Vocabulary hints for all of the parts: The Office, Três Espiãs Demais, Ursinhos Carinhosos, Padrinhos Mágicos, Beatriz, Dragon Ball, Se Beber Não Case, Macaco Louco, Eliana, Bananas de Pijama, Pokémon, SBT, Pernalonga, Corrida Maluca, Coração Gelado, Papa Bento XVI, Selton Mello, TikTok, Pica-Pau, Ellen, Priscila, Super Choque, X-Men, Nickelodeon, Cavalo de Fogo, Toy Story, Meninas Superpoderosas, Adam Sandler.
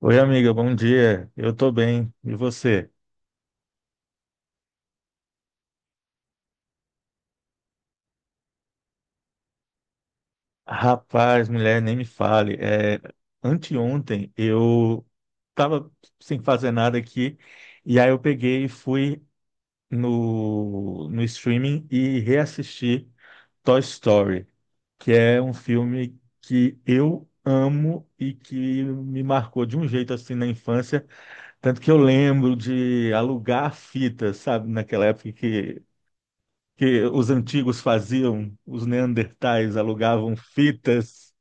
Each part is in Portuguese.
Oi, amiga, bom dia. Eu tô bem. E você? Rapaz, mulher, nem me fale. Anteontem eu tava sem fazer nada aqui e aí eu peguei e fui no streaming e reassisti Toy Story, que é um filme que eu amo e que me marcou de um jeito assim na infância, tanto que eu lembro de alugar fitas, sabe, naquela época que os antigos faziam, os neandertais alugavam fitas.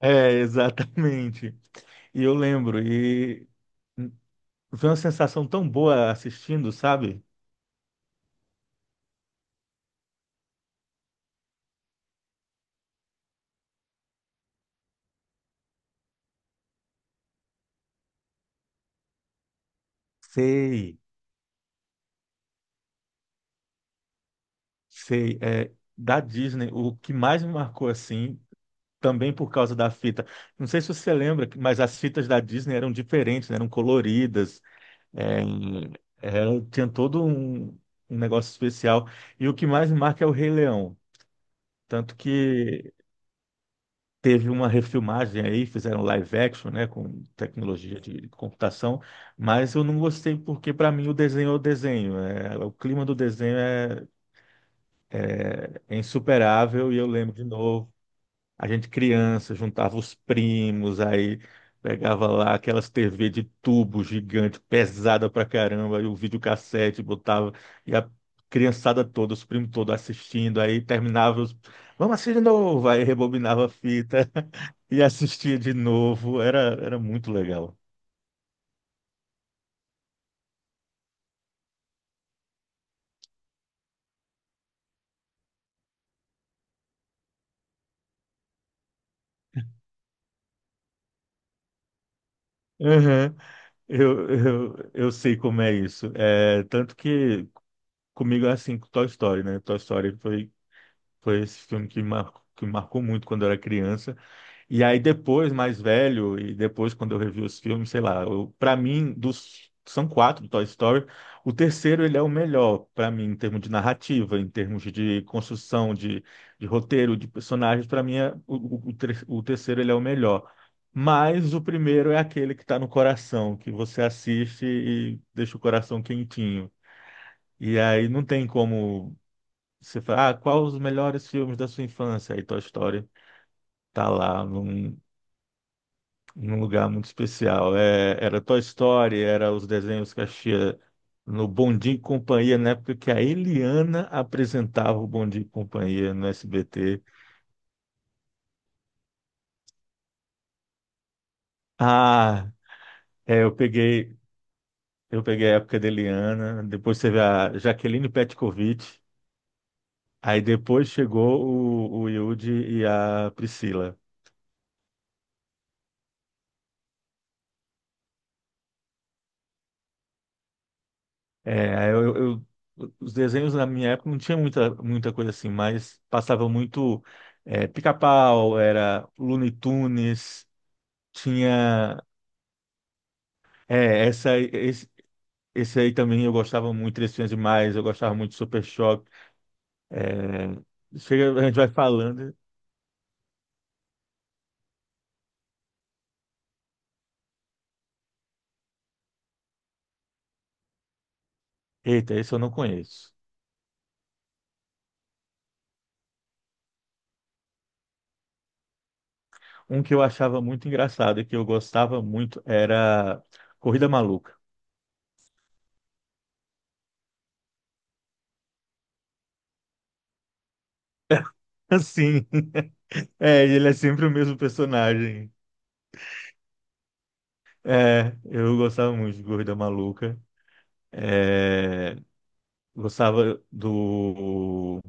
É, exatamente. E eu lembro, foi uma sensação tão boa assistindo, sabe? Sei, sei. É, da Disney, o que mais me marcou assim, também por causa da fita. Não sei se você lembra, mas as fitas da Disney eram diferentes, né? Eram coloridas, é, tinha todo um negócio especial. E o que mais me marca é o Rei Leão. Tanto que teve uma refilmagem aí, fizeram live action, né, com tecnologia de computação, mas eu não gostei porque, para mim, o desenho é o desenho. O clima do desenho é insuperável e eu lembro de novo a gente criança juntava os primos, aí pegava lá aquelas TV de tubo gigante, pesada pra caramba, e o videocassete botava, e a criançada toda, os primos todos assistindo, aí terminava Vamos assistir de novo! Aí rebobinava a fita e assistia de novo. Era muito legal. Uhum. Eu sei como é isso. É, tanto que comigo é assim com Toy Story, né? Foi esse filme que que marcou muito quando eu era criança. E aí depois, mais velho, e depois quando eu revi os filmes, sei lá, eu, para mim, dos são quatro do Toy Story, o terceiro ele é o melhor para mim em termos de narrativa, em termos de construção, de roteiro, de personagens, para mim é o terceiro ele é o melhor. Mas o primeiro é aquele que está no coração, que você assiste e deixa o coração quentinho. E aí não tem como você falar, ah, qual os melhores filmes da sua infância? Aí Toy Story tá lá, não, num lugar muito especial. É, era Toy Story, era os desenhos que assistia no Bom Dia e Companhia, na época que a Eliana apresentava o Bom Dia e Companhia no SBT. Ah, é, eu peguei a época da Eliana, depois teve a Jaqueline Petkovic, aí depois chegou o Yudi e a Priscila. É, os desenhos na minha época não tinha muita coisa assim, mas passava muito é, Pica-Pau, era Looney Tunes, tinha é, essa, aí- esse, esse aí também eu gostava muito, Três Espiãs Demais, eu gostava muito de Super Choque. É, chega, a gente vai falando, eita, esse eu não conheço. Um que eu achava muito engraçado e que eu gostava muito era Corrida Maluca. Assim, é, ele é sempre o mesmo personagem. É, eu gostava muito de Corrida Maluca. É, gostava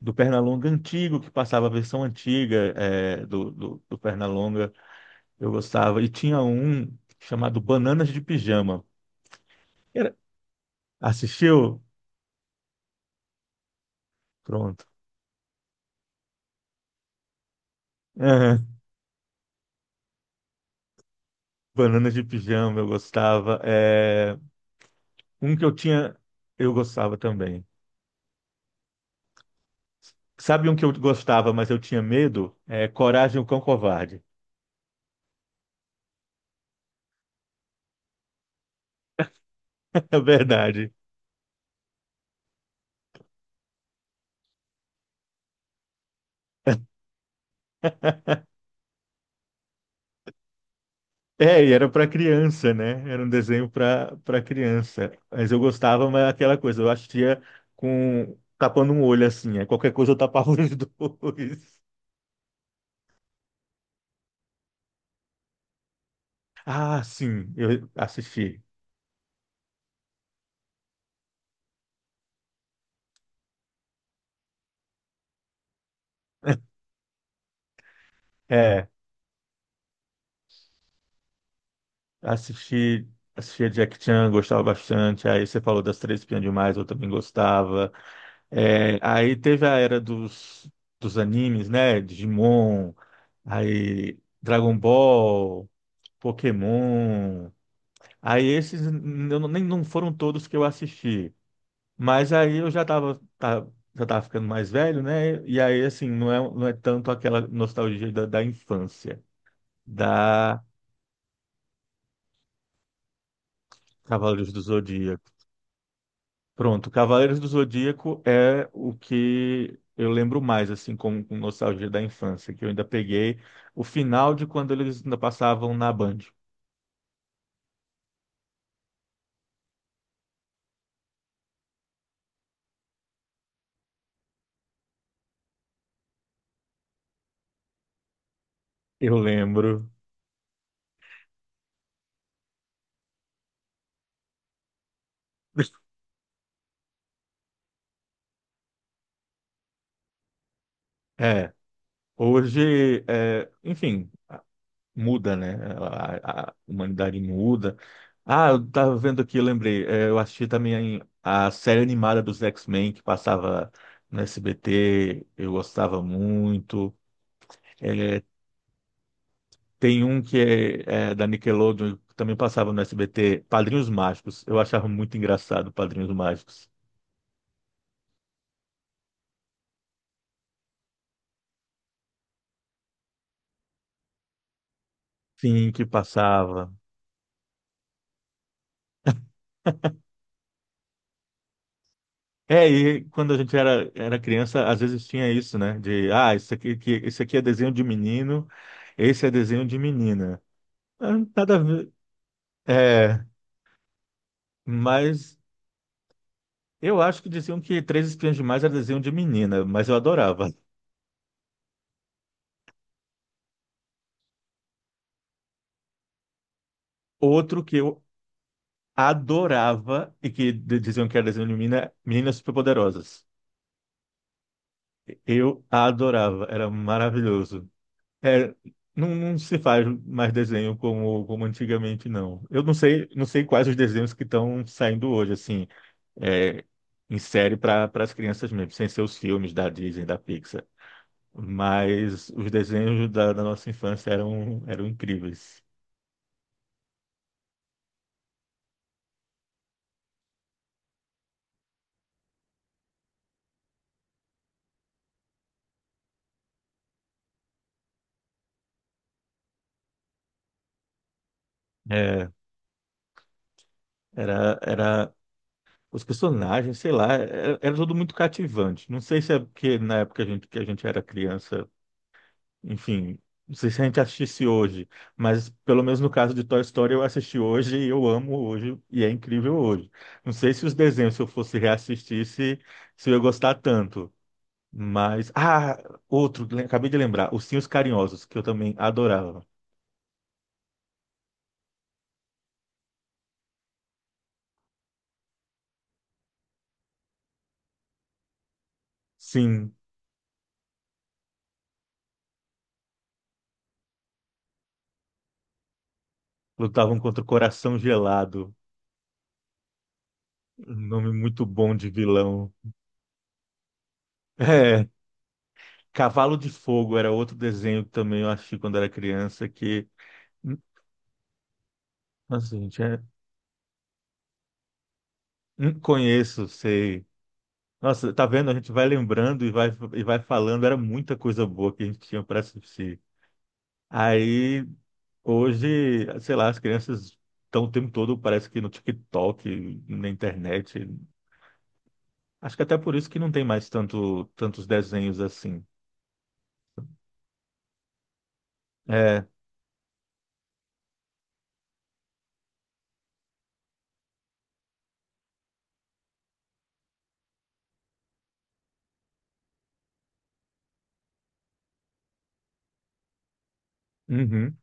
do Pernalonga antigo, que passava a versão antiga do Pernalonga. Eu gostava. E tinha um chamado Bananas de Pijama. Era- Assistiu? Pronto. Aham. Bananas de Pijama, eu gostava. É, um que eu tinha, eu gostava também. Sabe um que eu gostava, mas eu tinha medo? É Coragem, o Cão Covarde. É verdade. É, e era para criança, né? Era um desenho para criança. Mas eu gostava, mas aquela coisa, eu assistia com tapando um olho assim, aí qualquer coisa eu tapava os dois. Ah, sim, eu assisti. É, assisti, assistia Jack Chan, gostava bastante. Aí você falou das Três Espiãs Demais, eu também gostava. É, aí teve a era dos animes, né? Digimon, aí Dragon Ball, Pokémon. Aí esses n- eu não- Nem não foram todos que eu assisti, mas aí eu já estava já tava ficando mais velho, né? E aí assim, não é tanto aquela nostalgia da infância, da Cavaleiros do Zodíaco. Pronto, Cavaleiros do Zodíaco é o que eu lembro mais assim com nostalgia da infância, que eu ainda peguei o final de quando eles ainda passavam na Band. Eu lembro. É, hoje, é, enfim, muda, né? A humanidade muda. Ah, eu tava vendo aqui, eu lembrei. É, eu assisti também a série animada dos X-Men que passava no SBT. Eu gostava muito. É, tem um que é da Nickelodeon, que também passava no SBT, Padrinhos Mágicos. Eu achava muito engraçado Padrinhos Mágicos. Sim, que passava. É, e quando a gente era criança, às vezes tinha isso, né? De, ah, isso aqui é desenho de menino, esse é desenho de menina. Ah, nada a ver. É, mas eu acho que diziam que Três Espiãs Demais era desenho de menina, mas eu adorava. Outro que eu adorava e que diziam que era desenho de menina, Meninas Superpoderosas. Eu adorava, era maravilhoso. É, não, não se faz mais desenho como, como antigamente, não. Eu não sei, não sei quais os desenhos que estão saindo hoje, assim, é, em série para as crianças mesmo, sem ser os filmes da Disney, da Pixar. Mas os desenhos da nossa infância eram incríveis. É, era os personagens, sei lá, era tudo muito cativante. Não sei se é porque na época que a gente era criança, enfim, não sei se a gente assistisse hoje, mas pelo menos no caso de Toy Story eu assisti hoje e eu amo hoje e é incrível hoje. Não sei se os desenhos, se eu fosse reassistir, se eu ia gostar tanto. Mas, ah, acabei de lembrar, Ursinhos Carinhosos, que eu também adorava. Sim, lutavam contra o Coração Gelado. Um nome muito bom de vilão. É, Cavalo de Fogo era outro desenho que também eu achei quando era criança que. Hum, nossa, gente, é... Hum, conheço, sei. Nossa, tá vendo? A gente vai lembrando e vai falando. Era muita coisa boa que a gente tinha para assistir. Aí, hoje, sei lá, as crianças estão o tempo todo, parece que no TikTok, na internet. Acho que até por isso que não tem mais tanto, tantos desenhos assim. É. Uhum.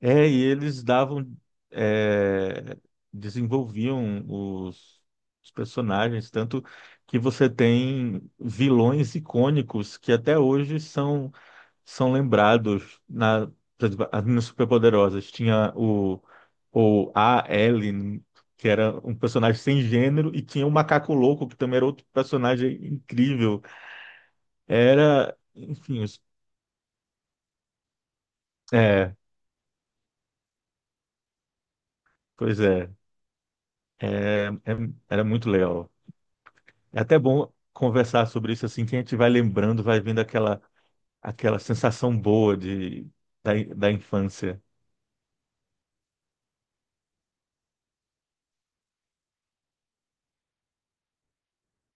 É, é, desenvolviam os personagens, tanto que você tem vilões icônicos que até hoje são lembrados na, por exemplo, as meninas superpoderosas. Tinha o A. Ellen, que era um personagem sem gênero, e tinha o Macaco Louco, que também era outro personagem incrível. Era, enfim, os- é, pois é, é, é- Era muito legal. É até bom conversar sobre isso assim, que a gente vai lembrando, vai vendo aquela, aquela sensação boa da infância.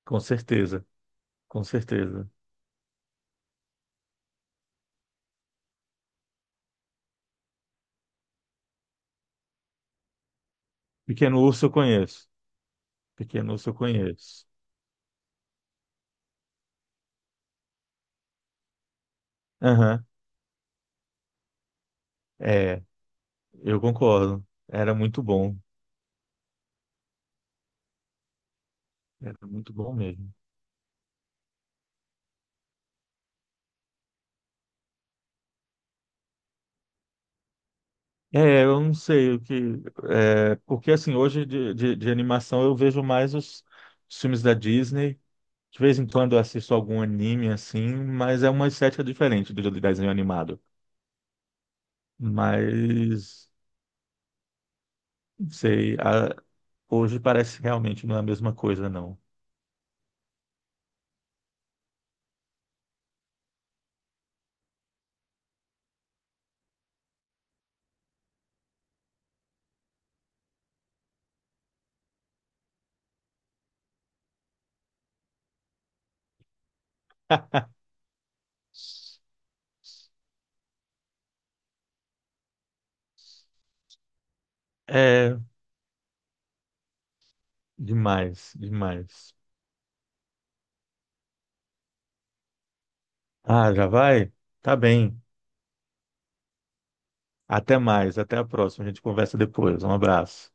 Com certeza, com certeza. Pequeno Urso eu conheço. Pequeno Urso eu conheço. Aham, é, eu concordo. Era muito bom. Era muito bom mesmo. É, eu não sei o que. É, porque assim, hoje de animação eu vejo mais os filmes da Disney. De vez em quando eu assisto algum anime assim, mas é uma estética diferente do desenho animado. Mas, não sei, a- hoje parece que realmente não é a mesma coisa, não. É demais, demais. Ah, já vai? Tá bem. Até mais, até a próxima. A gente conversa depois. Um abraço.